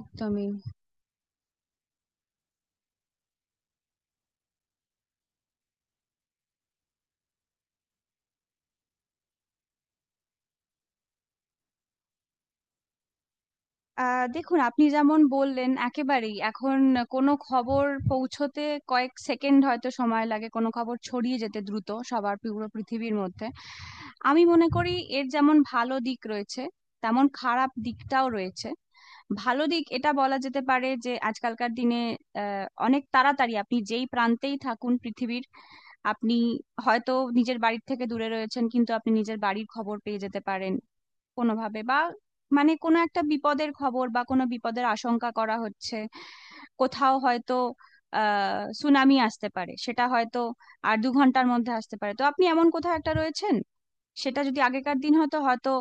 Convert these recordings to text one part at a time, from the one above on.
একদমই। দেখুন, আপনি যেমন বললেন একেবারেই এখন কোনো খবর পৌঁছোতে কয়েক সেকেন্ড হয়তো সময় লাগে, কোনো খবর ছড়িয়ে যেতে দ্রুত সবার, পুরো পৃথিবীর মধ্যে। আমি মনে করি এর যেমন ভালো দিক রয়েছে, তেমন খারাপ দিকটাও রয়েছে। ভালো দিক এটা বলা যেতে পারে যে আজকালকার দিনে অনেক তাড়াতাড়ি আপনি যেই প্রান্তেই থাকুন পৃথিবীর, আপনি হয়তো নিজের বাড়ির থেকে দূরে রয়েছেন কিন্তু আপনি নিজের বাড়ির খবর পেয়ে যেতে পারেন কোনোভাবে। বা মানে কোনো একটা বিপদের খবর বা কোনো বিপদের আশঙ্কা করা হচ্ছে কোথাও, হয়তো সুনামি আসতে পারে, সেটা হয়তো আর দু ঘন্টার মধ্যে আসতে পারে, তো আপনি এমন কোথাও একটা রয়েছেন। সেটা যদি আগেকার দিন হতো, হয়তো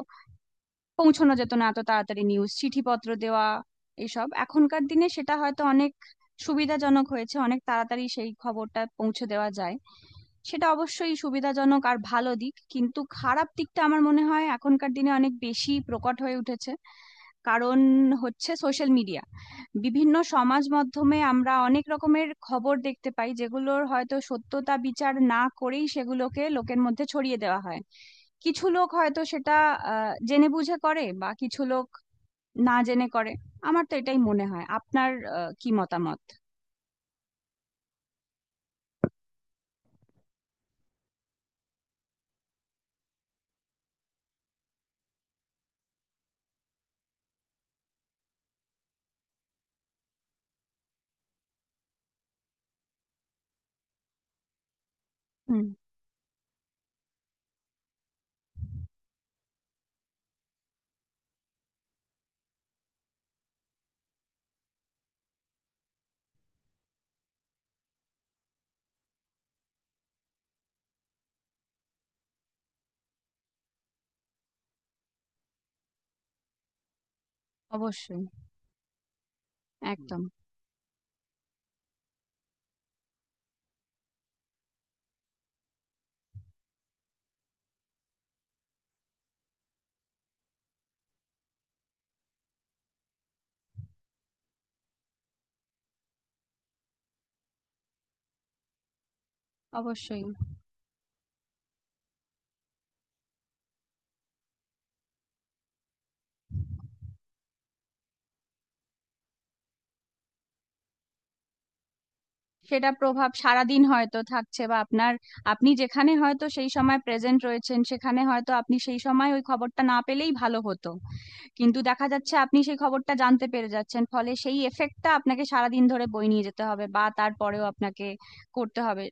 পৌঁছানো যেত না এত তাড়াতাড়ি, নিউজ চিঠিপত্র দেওয়া এসব। এখনকার দিনে সেটা হয়তো অনেক সুবিধাজনক হয়েছে, অনেক তাড়াতাড়ি সেই খবরটা পৌঁছে দেওয়া যায়। সেটা অবশ্যই সুবিধাজনক আর ভালো দিক, কিন্তু খারাপ দিকটা আমার মনে হয় এখনকার দিনে অনেক বেশি প্রকট হয়ে উঠেছে। কারণ হচ্ছে সোশ্যাল মিডিয়া। বিভিন্ন সমাজ মাধ্যমে আমরা অনেক রকমের খবর দেখতে পাই, যেগুলোর হয়তো সত্যতা বিচার না করেই সেগুলোকে লোকের মধ্যে ছড়িয়ে দেওয়া হয়। কিছু লোক হয়তো সেটা জেনে বুঝে করে, বা কিছু লোক না জেনে করে। আমার তো এটাই মনে হয়। আপনার কি মতামত? হুম। অবশ্যই। একদম। অবশ্যই, সেটা প্রভাব সারাদিন হয়তো থাকছে বা আপনার, আপনি যেখানে হয়তো সেই সময় প্রেজেন্ট রয়েছেন সেখানে হয়তো আপনি সেই সময় ওই খবরটা না পেলেই ভালো হতো। কিন্তু দেখা যাচ্ছে আপনি সেই খবরটা জানতে পেরে যাচ্ছেন, ফলে সেই এফেক্টটা আপনাকে সারাদিন ধরে বয়ে নিয়ে যেতে হবে, বা তারপরেও আপনাকে করতে হবে।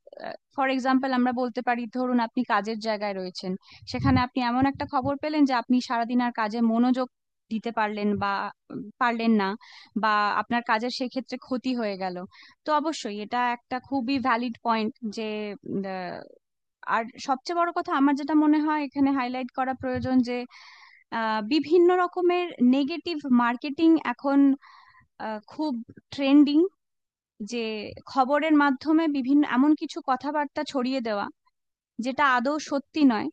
ফর এক্সাম্পল আমরা বলতে পারি, ধরুন আপনি কাজের জায়গায় রয়েছেন, সেখানে আপনি এমন একটা খবর পেলেন যে আপনি সারাদিন আর কাজে মনোযোগ দিতে পারলেন, বা পারলেন না, বা আপনার কাজের সেই ক্ষেত্রে ক্ষতি হয়ে গেল। তো অবশ্যই এটা একটা খুবই ভ্যালিড পয়েন্ট যে উম, আহ, আর সবচেয়ে বড় কথা আমার যেটা মনে হয় এখানে হাইলাইট করা প্রয়োজন, যে বিভিন্ন রকমের নেগেটিভ মার্কেটিং এখন খুব ট্রেন্ডিং। যে খবরের মাধ্যমে বিভিন্ন এমন কিছু কথাবার্তা ছড়িয়ে দেওয়া যেটা আদৌ সত্যি নয়,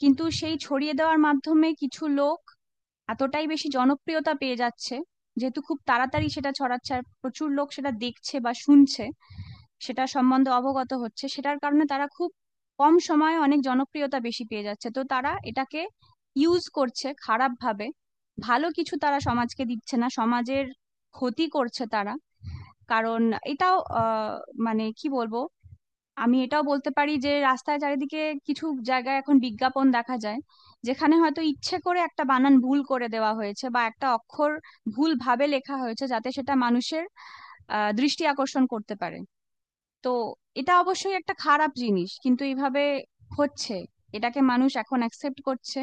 কিন্তু সেই ছড়িয়ে দেওয়ার মাধ্যমে কিছু লোক এতটাই বেশি জনপ্রিয়তা পেয়ে যাচ্ছে। যেহেতু খুব তাড়াতাড়ি সেটা ছড়াচ্ছে আর প্রচুর লোক সেটা দেখছে বা শুনছে, সেটা সম্বন্ধে অবগত হচ্ছে, সেটার কারণে তারা খুব কম সময়ে অনেক জনপ্রিয়তা বেশি পেয়ে যাচ্ছে। তো তারা এটাকে ইউজ করছে খারাপ ভাবে। ভালো কিছু তারা সমাজকে দিচ্ছে না, সমাজের ক্ষতি করছে তারা। কারণ এটাও মানে কি বলবো, আমি এটাও বলতে পারি যে রাস্তায় চারিদিকে কিছু জায়গায় এখন বিজ্ঞাপন দেখা যায় যেখানে হয়তো ইচ্ছে করে একটা বানান ভুল করে দেওয়া হয়েছে, বা একটা অক্ষর ভুল ভাবে লেখা হয়েছে যাতে সেটা মানুষের দৃষ্টি আকর্ষণ করতে পারে। তো এটা অবশ্যই একটা খারাপ জিনিস, কিন্তু এইভাবে হচ্ছে, এটাকে মানুষ এখন অ্যাকসেপ্ট করছে।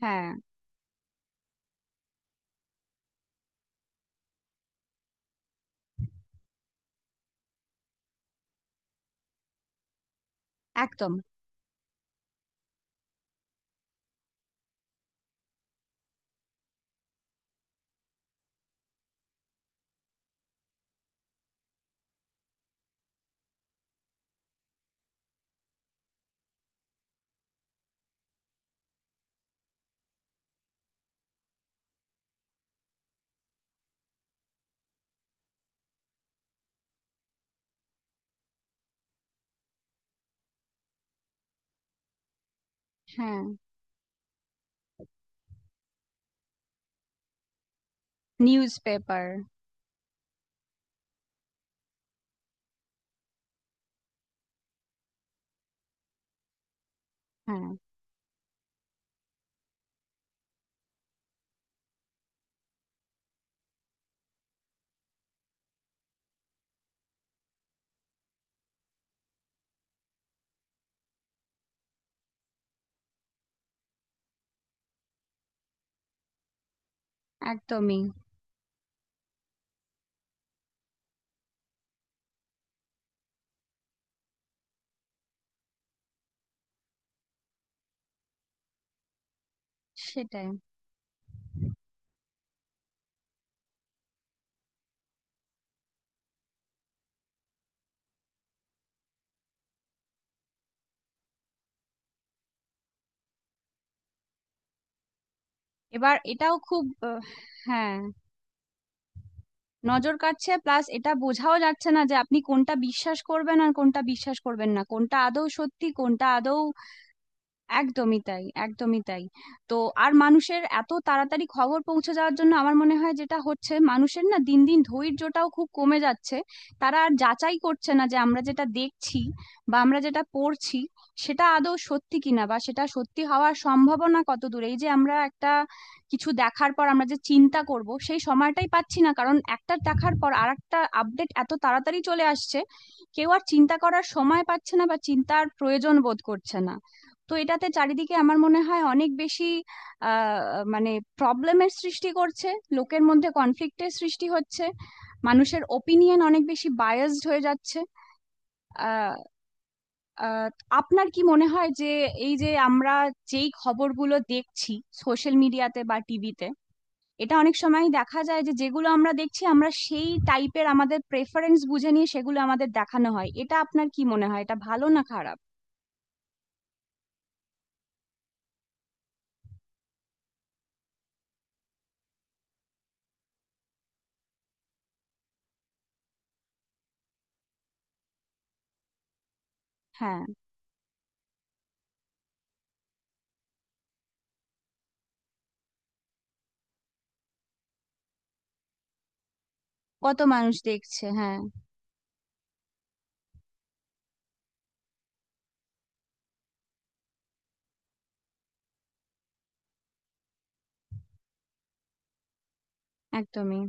হ্যাঁ। একদম। হ্যাঁ। News paper. হ্যাঁ। একদমই। সেটাই। এবার এটাও খুব আহ, হ্যাঁ, নজর কাটছে। প্লাস এটা বোঝাও যাচ্ছে না যে আপনি কোনটা বিশ্বাস করবেন আর কোনটা বিশ্বাস করবেন না, কোনটা আদৌ সত্যি, কোনটা আদৌ। একদমই তাই, একদমই তাই। তো আর মানুষের এত তাড়াতাড়ি খবর পৌঁছে যাওয়ার জন্য আমার মনে হয় যেটা হচ্ছে, মানুষের না দিন দিন ধৈর্যটাও খুব কমে যাচ্ছে। তারা আর যাচাই করছে না যে আমরা যেটা দেখছি বা আমরা যেটা পড়ছি সেটা আদৌ সত্যি কিনা, বা সেটা সত্যি হওয়ার সম্ভাবনা কত দূর। এই যে আমরা একটা কিছু দেখার পর আমরা যে চিন্তা করব সেই সময়টাই পাচ্ছি না, কারণ একটা দেখার পর আরেকটা আপডেট এত তাড়াতাড়ি চলে আসছে। কেউ আর চিন্তা করার সময় পাচ্ছে না বা চিন্তার প্রয়োজন বোধ করছে না। তো এটাতে চারিদিকে আমার মনে হয় অনেক বেশি আহ মানে প্রবলেমের সৃষ্টি করছে, লোকের মধ্যে কনফ্লিক্টের সৃষ্টি হচ্ছে, মানুষের ওপিনিয়ন অনেক বেশি বায়াসড হয়ে যাচ্ছে। আহ, আহ, আপনার কি মনে হয় যে এই যে আমরা যেই খবরগুলো দেখছি সোশ্যাল মিডিয়াতে বা টিভিতে, এটা অনেক সময় দেখা যায় যে যেগুলো আমরা দেখছি আমরা সেই টাইপের, আমাদের প্রেফারেন্স বুঝে নিয়ে সেগুলো আমাদের দেখানো হয়, এটা আপনার কি মনে হয়, এটা ভালো না খারাপ? হ্যাঁ। কত মানুষ দেখছে, হ্যাঁ। একদমই।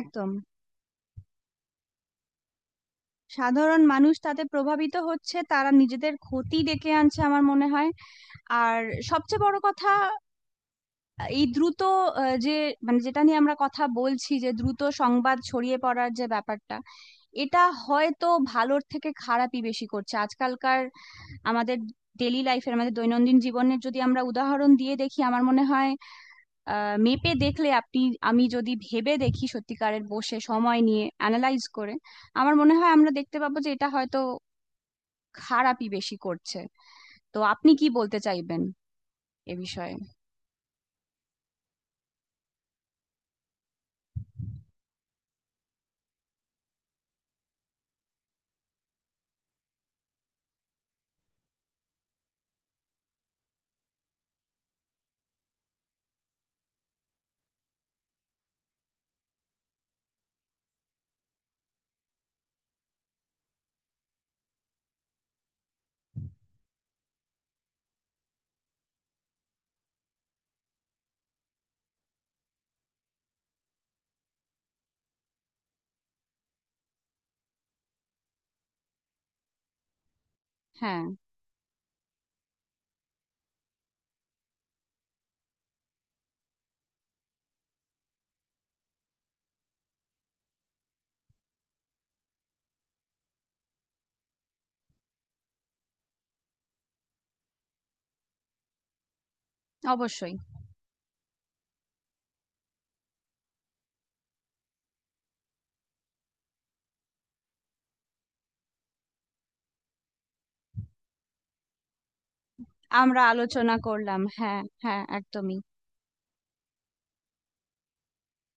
একদম, সাধারণ মানুষ তাতে প্রভাবিত হচ্ছে, তারা নিজেদের ক্ষতি ডেকে আনছে আমার মনে হয়। আর সবচেয়ে বড় কথা, এই দ্রুত আহ, যে মানে যেটা নিয়ে আমরা কথা বলছি যে দ্রুত সংবাদ ছড়িয়ে পড়ার যে ব্যাপারটা, এটা হয়তো ভালোর থেকে খারাপই বেশি করছে আজকালকার, আমাদের ডেইলি লাইফের, আমাদের দৈনন্দিন জীবনের। যদি আমরা উদাহরণ দিয়ে দেখি, আমার মনে হয় মেপে দেখলে, আপনি, আমি যদি ভেবে দেখি সত্যিকারের বসে সময় নিয়ে অ্যানালাইজ করে, আমার মনে হয় আমরা দেখতে পাবো যে এটা হয়তো খারাপই বেশি করছে। তো আপনি কি বলতে চাইবেন এ বিষয়ে? হ্যাঁ। অবশ্যই আমরা আলোচনা করলাম। হ্যাঁ, হ্যাঁ, একদমই।